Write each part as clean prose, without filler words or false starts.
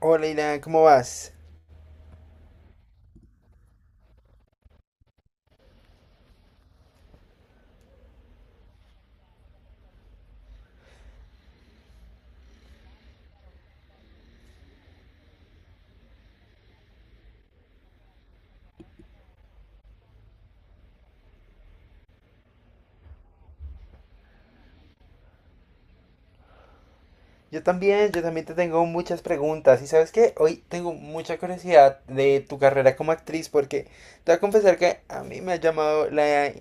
Hola Ilan, ¿cómo vas? Yo también te tengo muchas preguntas. Y sabes qué, hoy tengo mucha curiosidad de tu carrera como actriz porque te voy a confesar que a mí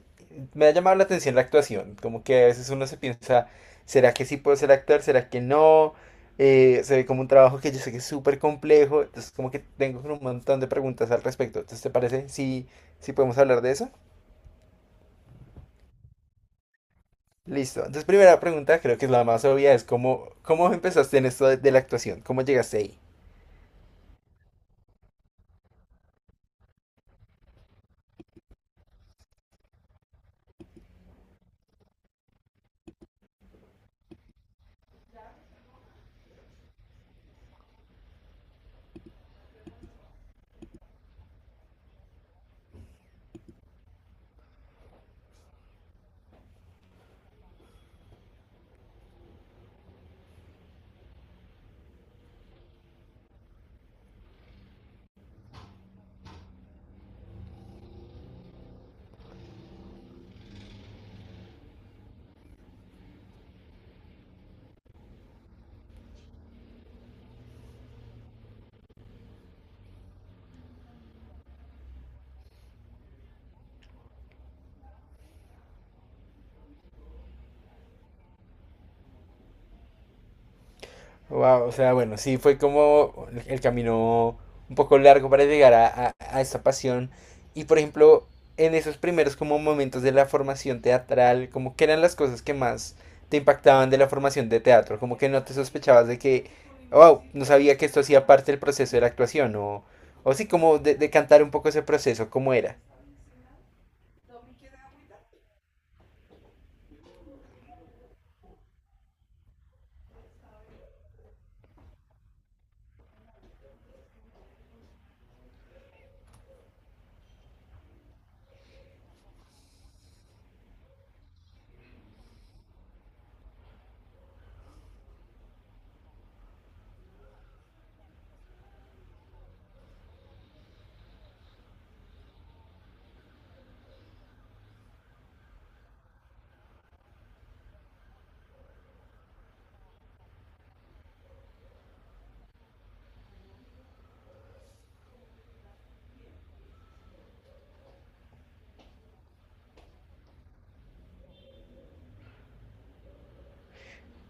me ha llamado la atención la actuación. Como que a veces uno se piensa, ¿será que sí puedo ser actor? ¿Será que no? Se ve como un trabajo que yo sé que es súper complejo. Entonces como que tengo un montón de preguntas al respecto. Entonces, ¿te parece si podemos hablar de eso? Listo. Entonces, primera pregunta, creo que es la más obvia, es cómo empezaste en esto de la actuación, cómo llegaste ahí. Wow, o sea, bueno, sí fue como el camino un poco largo para llegar a esta pasión. Y por ejemplo, en esos primeros como momentos de la formación teatral, como que eran las cosas que más te impactaban de la formación de teatro, como que no te sospechabas de que, wow, no sabía que esto hacía parte del proceso de la actuación, o sí, como de cantar un poco ese proceso, cómo era.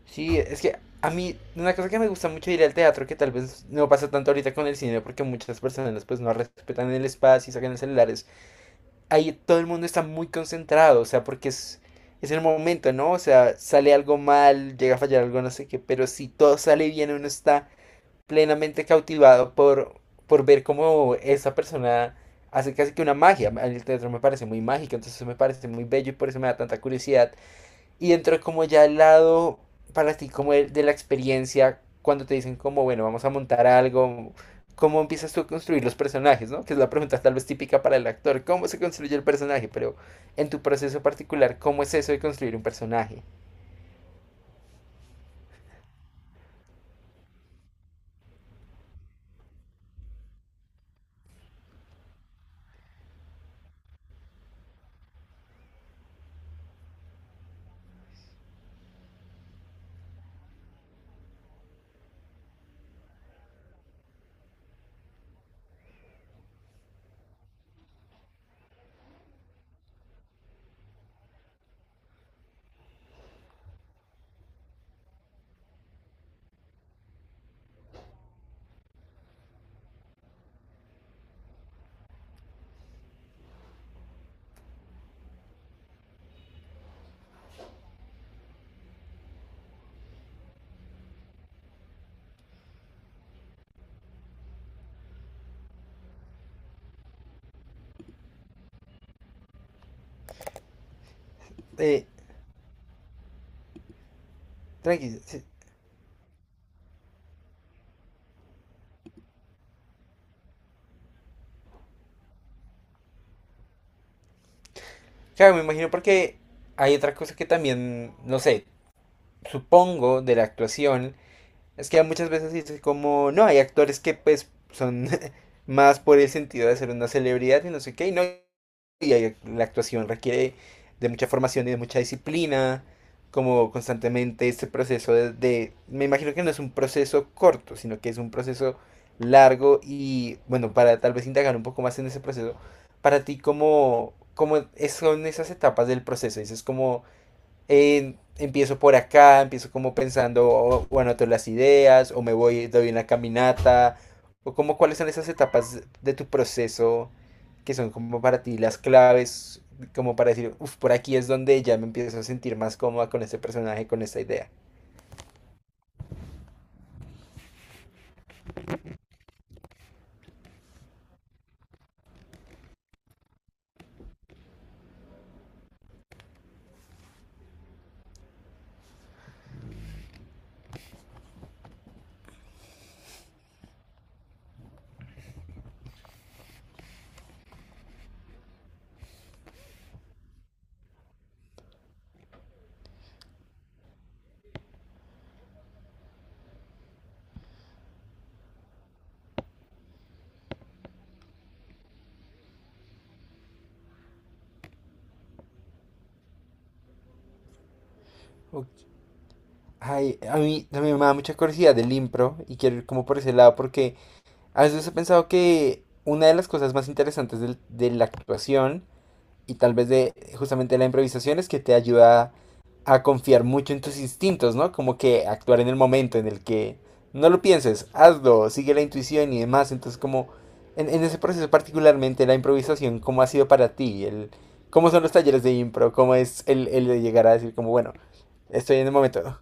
Sí, es que a mí una cosa que me gusta mucho de ir al teatro, que tal vez no pasa tanto ahorita con el cine, porque muchas personas pues no respetan el espacio y sacan los celulares. Ahí todo el mundo está muy concentrado, o sea, porque es el momento, ¿no? O sea, sale algo mal, llega a fallar algo, no sé qué, pero si todo sale bien, uno está plenamente cautivado por ver cómo esa persona hace casi que una magia. A mí el teatro me parece muy mágico, entonces me parece muy bello y por eso me da tanta curiosidad y entró como ya al lado para ti, como de la experiencia, cuando te dicen como, bueno, vamos a montar algo, ¿cómo empiezas tú a construir los personajes, ¿no? Que es la pregunta tal vez típica para el actor, ¿cómo se construye el personaje? Pero en tu proceso particular, ¿cómo es eso de construir un personaje? Eh, Tranquilo. Sí. Claro, me imagino porque hay otra cosa que también, no sé, supongo de la actuación, es que muchas veces dices como, no, hay actores que pues son más por el sentido de ser una celebridad y no sé qué, y no, y la actuación requiere de mucha formación y de mucha disciplina, como constantemente este proceso me imagino que no es un proceso corto, sino que es un proceso largo y bueno, para tal vez indagar un poco más en ese proceso, para ti, ¿cómo es- son esas etapas del proceso? Dices como empiezo por acá, empiezo como pensando, o anoto las ideas, o me voy, doy una caminata, o como cuáles son esas etapas de tu proceso que son como para ti las claves, como para decir, uff, por aquí es donde ya me empiezo a sentir más cómoda con este personaje, con esta idea. Okay. Ay, a mí también me da mucha curiosidad el impro y quiero ir como por ese lado porque a veces he pensado que una de las cosas más interesantes la actuación y tal vez de justamente la improvisación es que te ayuda a confiar mucho en tus instintos, ¿no? Como que actuar en el momento en el que no lo pienses, hazlo, sigue la intuición y demás. Entonces, como en ese proceso particularmente la improvisación, ¿cómo ha sido para ti? ¿Cómo son los talleres de impro? ¿Cómo es el de llegar a decir como, bueno, estoy en el momento?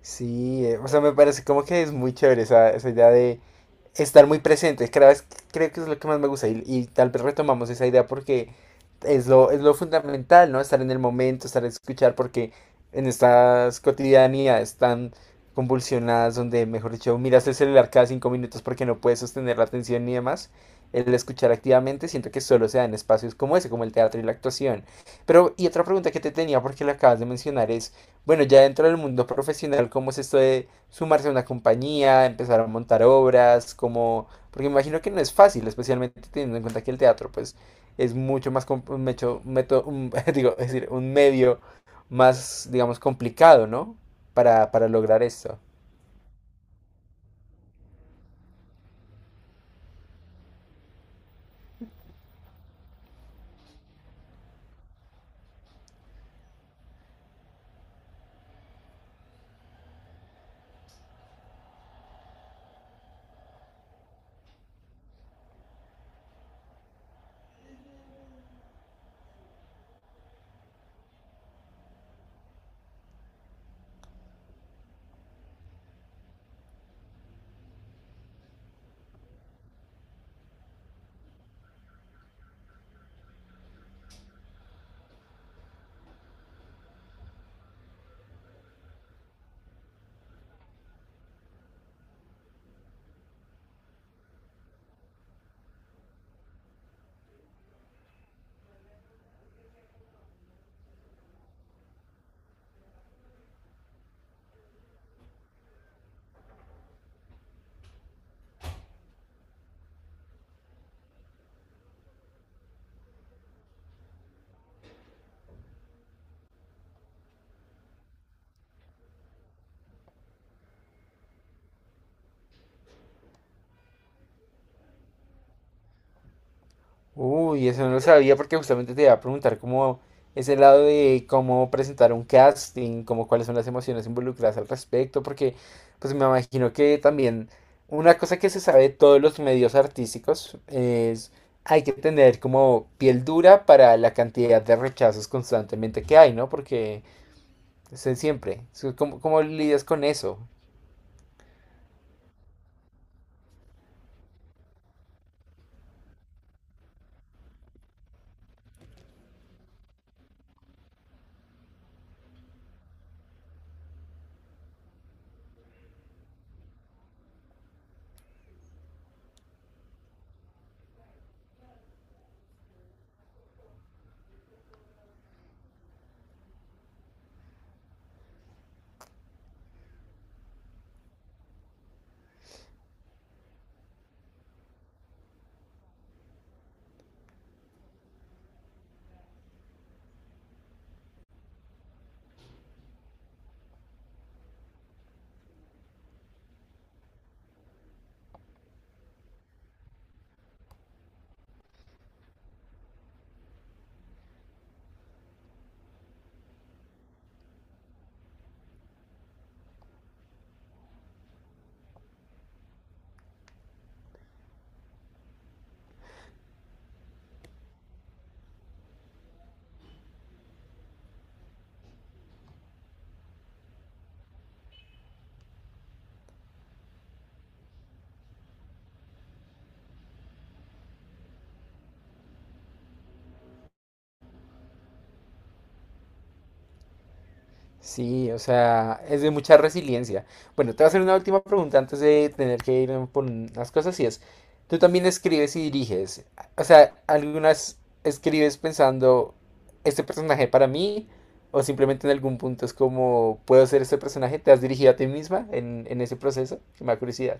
Sí, o sea, me parece como que es muy chévere esa idea de estar muy presente. Cada vez creo que es lo que más me gusta y tal vez retomamos esa idea porque es lo fundamental, ¿no? Estar en el momento, estar a escuchar, porque en estas cotidianidades tan convulsionadas, donde, mejor dicho, miras el celular cada cinco minutos porque no puedes sostener la atención ni demás, el escuchar activamente siento que solo se da en espacios como ese, como el teatro y la actuación. Pero, y otra pregunta que te tenía, porque la acabas de mencionar, es... Bueno, ya dentro del mundo profesional, ¿cómo es esto de sumarse a una compañía, empezar a montar obras? ¿Cómo? Porque me imagino que no es fácil, especialmente teniendo en cuenta que el teatro, pues, es mucho más, com- un mecho- un meto- un- digo, es decir, un medio más, digamos, complicado, ¿no? Para lograr esto. Uy, eso no lo sabía porque justamente te iba a preguntar cómo ese lado de cómo presentar un casting, como cuáles son las emociones involucradas al respecto, porque pues me imagino que también una cosa que se sabe de todos los medios artísticos es hay que tener como piel dura para la cantidad de rechazos constantemente que hay, ¿no? Porque ¿cómo, cómo lidias con eso? Sí, o sea, es de mucha resiliencia. Bueno, te voy a hacer una última pregunta antes de tener que ir por unas cosas y es, tú también escribes y diriges. O sea, ¿algunas escribes pensando este personaje para mí? ¿O simplemente en algún punto es como, ¿puedo ser este personaje? ¿Te has dirigido a ti misma en ese proceso? Que me da curiosidad.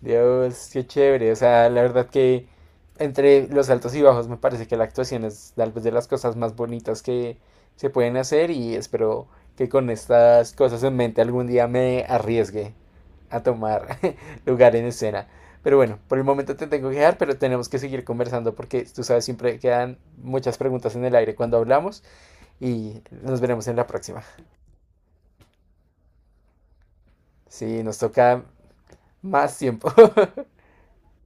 Dios, qué chévere. O sea, la verdad que entre los altos y bajos me parece que la actuación es tal vez de las cosas más bonitas que se pueden hacer y espero que con estas cosas en mente algún día me arriesgue a tomar lugar en escena. Pero bueno, por el momento te tengo que dejar, pero tenemos que seguir conversando porque tú sabes, siempre quedan muchas preguntas en el aire cuando hablamos y nos veremos en la próxima. Sí, nos toca más tiempo.